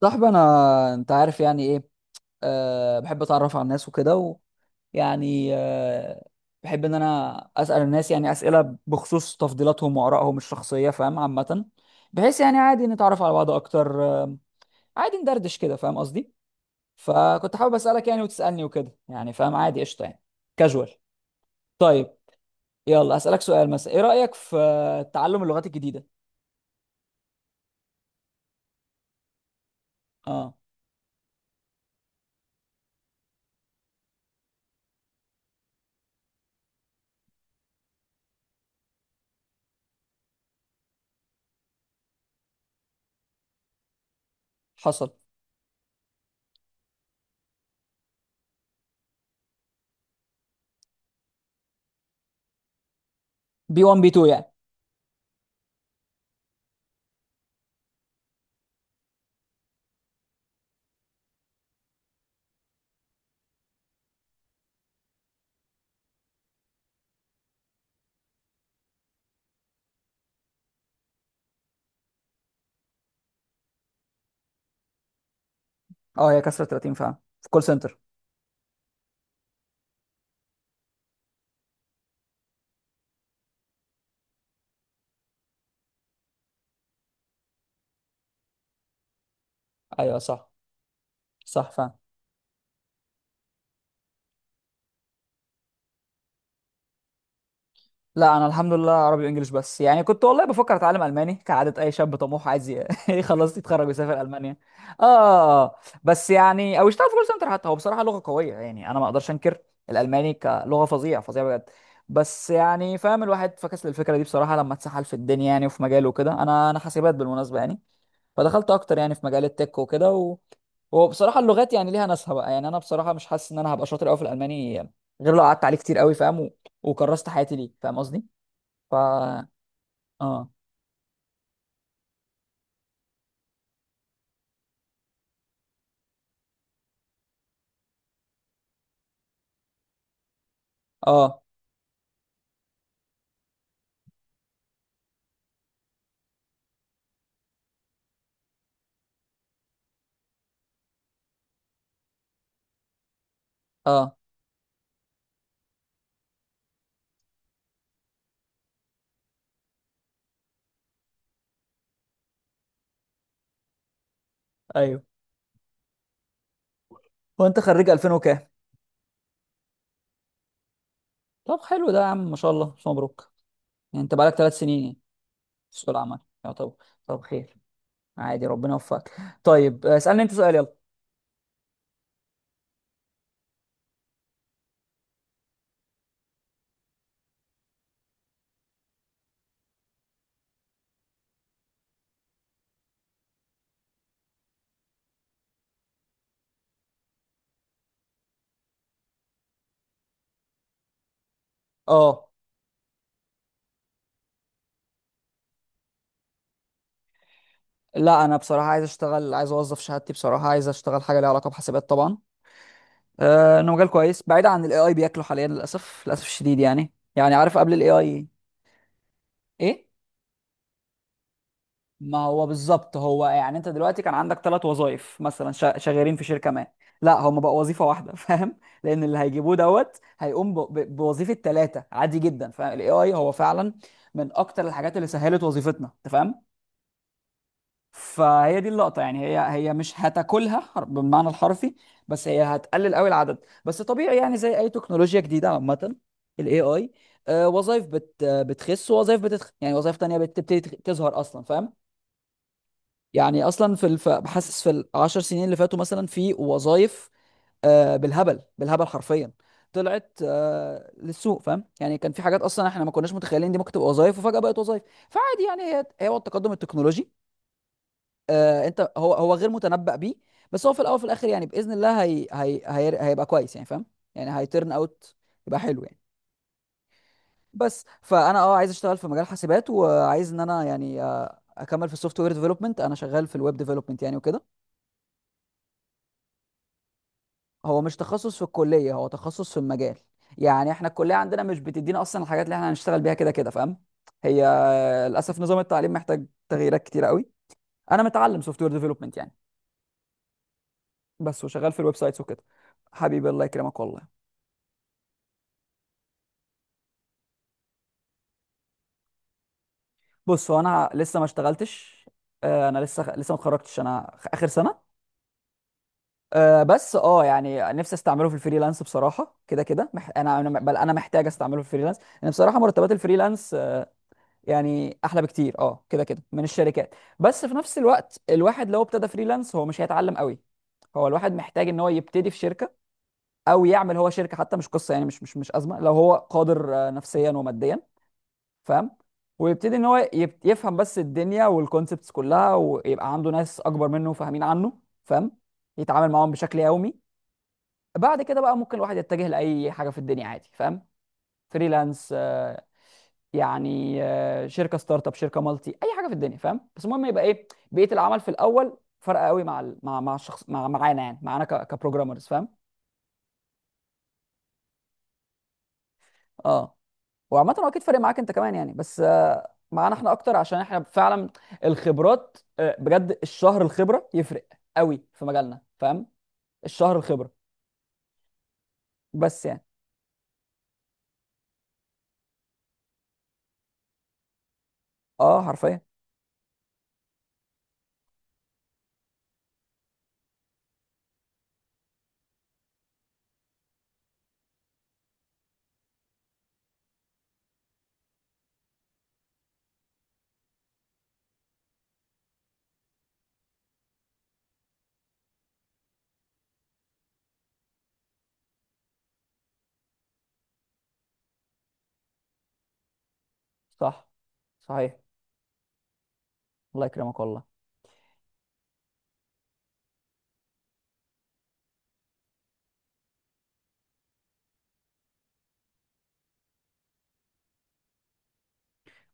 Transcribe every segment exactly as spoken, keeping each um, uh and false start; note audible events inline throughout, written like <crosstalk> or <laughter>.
صاحبي انا انت عارف يعني ايه. أه بحب اتعرف على الناس وكده. ويعني أه بحب ان انا اسال الناس يعني اسئله بخصوص تفضيلاتهم وارائهم الشخصيه، فاهم؟ عامه بحيث يعني عادي نتعرف على بعض اكتر آه، عادي ندردش كده، فاهم قصدي؟ فكنت حابب اسالك يعني وتسالني وكده، يعني فاهم عادي، قشطه يعني، كاجوال. طيب، يلا اسالك سؤال. مثلا ايه رايك في تعلم اللغات الجديده؟ اه، حصل. بي واحد بي اتنين يعني. اه، هي كسرت تلاتين فاهم، في كول سنتر. ايوه صح، صح فعلا. لا انا الحمد لله عربي وانجليش بس. يعني كنت والله بفكر اتعلم الماني، كعاده اي شاب طموح عايز ي- <laughs> يخلص يتخرج ويسافر المانيا. اه، آه، آه. بس يعني او يشتغل في كول سنتر حتى. هو بصراحه لغه قويه، يعني انا ما اقدرش انكر الالماني كلغه، فظيعه فظيعه بجد. بس يعني فاهم، الواحد فكس للفكره دي بصراحه لما اتسحل في الدنيا يعني وفي مجاله وكده. انا انا حاسبات بالمناسبه يعني، فدخلت اكتر يعني في مجال التك وكده و... وبصراحه اللغات يعني ليها ناسها بقى. يعني انا بصراحه مش حاسس ان انا هبقى شاطر قوي في الالماني غير لو قعدت عليه كتير قوي فاهم، و... وكرست حياتي ليه، فاهم قصدي؟ ف اه اه اه ايوه. وانت خريج ألفين وكام؟ طب حلو ده يا عم، ما شاء الله، ألف مبروك. يعني انت بقالك ثلاث سنين يعني في سوق العمل. يا طب، طب خير، عادي، ربنا يوفقك. طيب، آه، اسالني انت سؤال، يلا. اه. لا انا بصراحه عايز اشتغل، عايز اوظف شهادتي، بصراحه عايز اشتغل حاجه ليها علاقه بحاسبات طبعا. آه، انه مجال كويس، بعيد عن الاي اي بياكله حاليا للاسف، للاسف الشديد يعني. يعني عارف قبل الاي اي ايه؟ ما هو بالظبط. هو يعني انت دلوقتي كان عندك ثلاث وظائف مثلا، شا- شغالين في شركه ما. لا، هم بقى وظيفه واحده <laughs> فاهم؟ لان اللي هيجيبوه دوت هيقوم ب- ب- بوظيفه ثلاثه عادي جدا، فاهم؟ الاي اي هو فعلا من اكتر الحاجات اللي سهلت وظيفتنا، انت فاهم. فهي دي اللقطة يعني. هي هي مش هتاكلها حر- بالمعنى الحرفي، بس هي هتقلل قوي العدد. بس طبيعي يعني، زي اي تكنولوجيا جديدة عامة. الاي اي وظائف بت آه، بتخس، ووظائف بتتخ يعني وظائف تانية بتبتدي تخ- تظهر اصلا، فاهم؟ يعني اصلا في الف... بحسس في العشر سنين اللي فاتوا مثلا في وظائف آه، بالهبل، بالهبل حرفيا، طلعت آه، للسوق، فاهم؟ يعني كان في حاجات اصلا احنا ما كناش متخيلين دي ممكن تبقى وظائف، وفجأة بقت وظائف. فعادي يعني، هي هو التقدم التكنولوجي. آه، انت هو هو غير متنبأ بيه، بس هو في الاول وفي الاخر يعني باذن الله هي هي هي هيبقى كويس يعني، فاهم؟ يعني هيترن اوت يبقى حلو يعني. بس فانا اه عايز اشتغل في مجال حاسبات، وعايز ان انا يعني آه، اكمل في السوفت وير ديفلوبمنت. انا شغال في الويب ديفلوبمنت يعني وكده. هو مش تخصص في الكليه، هو تخصص في المجال. يعني احنا الكليه عندنا مش بتدينا اصلا الحاجات اللي احنا هنشتغل بيها كده كده، فاهم؟ هي آه، للاسف نظام التعليم محتاج تغييرات كتيره قوي. انا متعلم سوفت وير ديفلوبمنت يعني، بس، وشغال في الويب سايتس وكده. حبيبي، الله يكرمك والله. بص هو انا لسه ما اشتغلتش. آه، انا لسه لسه ما اتخرجتش، انا خ- اخر سنه. آه، بس اه يعني نفسي استعمله في الفريلانس بصراحه. كده كده مح... انا انا بل انا محتاج استعمله في الفريلانس، لان بصراحه مرتبات الفريلانس آه، يعني احلى بكتير اه كده كده من الشركات. بس في نفس الوقت الواحد لو ابتدى فريلانس هو مش هيتعلم قوي. هو الواحد محتاج ان هو يبتدي في شركه، او يعمل هو شركه حتى، مش قصه يعني، مش مش مش ازمه لو هو قادر آه، نفسيا وماديا، فاهم؟ ويبتدي ان هو يب- يفهم بس الدنيا والكونسبتس كلها، ويبقى عنده ناس اكبر منه فاهمين عنه، فاهم؟ يتعامل معاهم بشكل يومي. بعد كده بقى ممكن الواحد يتجه لاي حاجه في الدنيا عادي، فاهم؟ فريلانس آه، يعني آه، شركه ستارت اب، شركه مالتي، اي حاجه في الدنيا، فاهم؟ بس المهم يبقى ايه بيئه العمل في الاول. فرق قوي مع ال- مع مع الشخص، مع معانا يعني، معانا ك- كبروجرامرز، فاهم؟ اه. وعامة هو اكيد فارق معاك انت كمان يعني، بس آه، معانا احنا اكتر عشان احنا فعلا الخبرات آه، بجد الشهر الخبرة يفرق قوي في مجالنا، فاهم؟ الشهر الخبرة. بس يعني، اه حرفيا. صح، صحيح. الله يكرمك والله.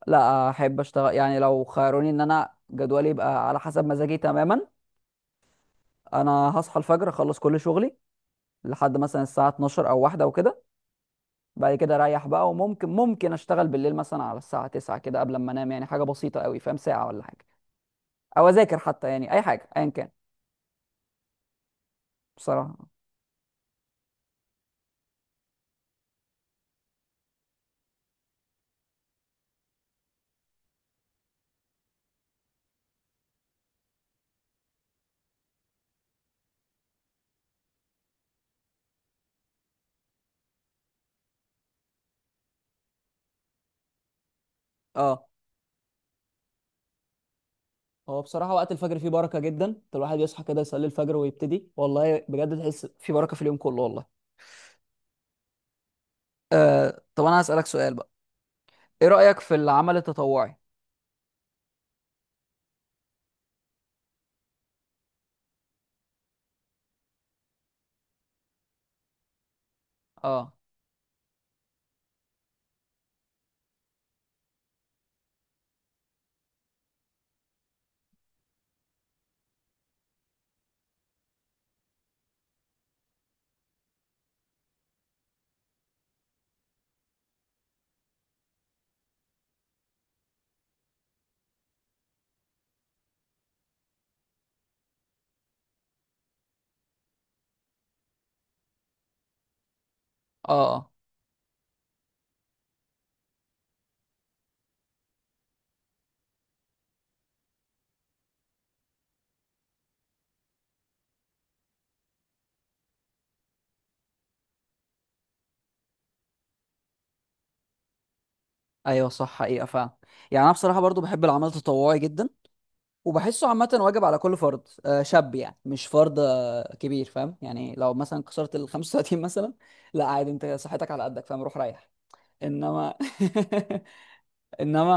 لا، احب اشتغل يعني لو خيروني ان انا جدولي يبقى على حسب مزاجي تماما. انا هصحى الفجر، اخلص كل شغلي لحد مثلا الساعة اتناشر او واحدة وكده. بعد كده اريح بقى، وممكن ممكن اشتغل بالليل مثلا على الساعة تسعة كده قبل ما انام، يعني حاجة بسيطة قوي، فاهم؟ ساعة ولا حاجة، او اذاكر حتى، يعني اي حاجه ايا كان. بصراحه اه، هو بصراحة وقت الفجر فيه بركة جدا. الواحد يصحى كده يصلي الفجر ويبتدي، والله بجد تحس في بركة في اليوم كله والله. آه، طب انا هسألك سؤال بقى. ايه رأيك في العمل التطوعي؟ اه اه اه ايوه صح، حقيقة فعلا. يعني انا بصراحة برضو بحب العمل التطوعي جدا، وبحسه عامة واجب على كل فرد آه شاب، يعني مش فرد آه كبير، فاهم؟ يعني لو مثلا كسرت ال خمسة وتلاتين مثلا، لا عادي، انت صحتك على قدك، فاهم؟ روح ريح. انما <laughs> انما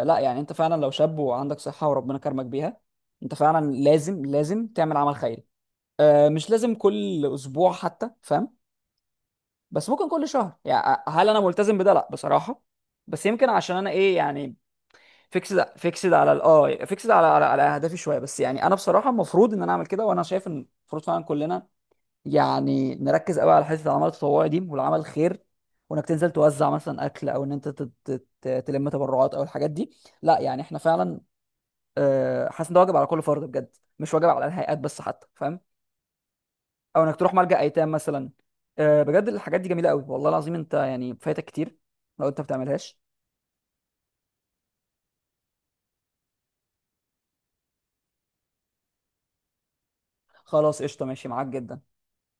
آه لا يعني انت فعلا لو شاب وعندك صحه وربنا كرمك بيها، انت فعلا لازم لازم تعمل عمل خيري. آه مش لازم كل اسبوع حتى، فاهم؟ بس ممكن كل شهر يعني. آه، هل انا ملتزم بده؟ لا بصراحه. بس يمكن عشان انا ايه يعني، فيكسد فيكسد على ال- اه فيكسد على على على اهدافي شويه. بس يعني انا بصراحه المفروض ان انا اعمل كده، وانا شايف ان المفروض فعلا كلنا يعني نركز قوي على حته العمل التطوعي دي والعمل الخير. وانك تنزل توزع مثلا اكل، او ان انت تت- تت- تلم تبرعات او الحاجات دي. لا يعني احنا فعلا آه، حاسس ان ده واجب على كل فرد بجد، مش واجب على الهيئات بس حتى، فاهم؟ او انك تروح ملجأ ايتام مثلا. آه، بجد الحاجات دي جميله قوي والله العظيم، انت يعني فايتك كتير لو انت بتعملهاش. خلاص قشطه، ماشي معاك جدا.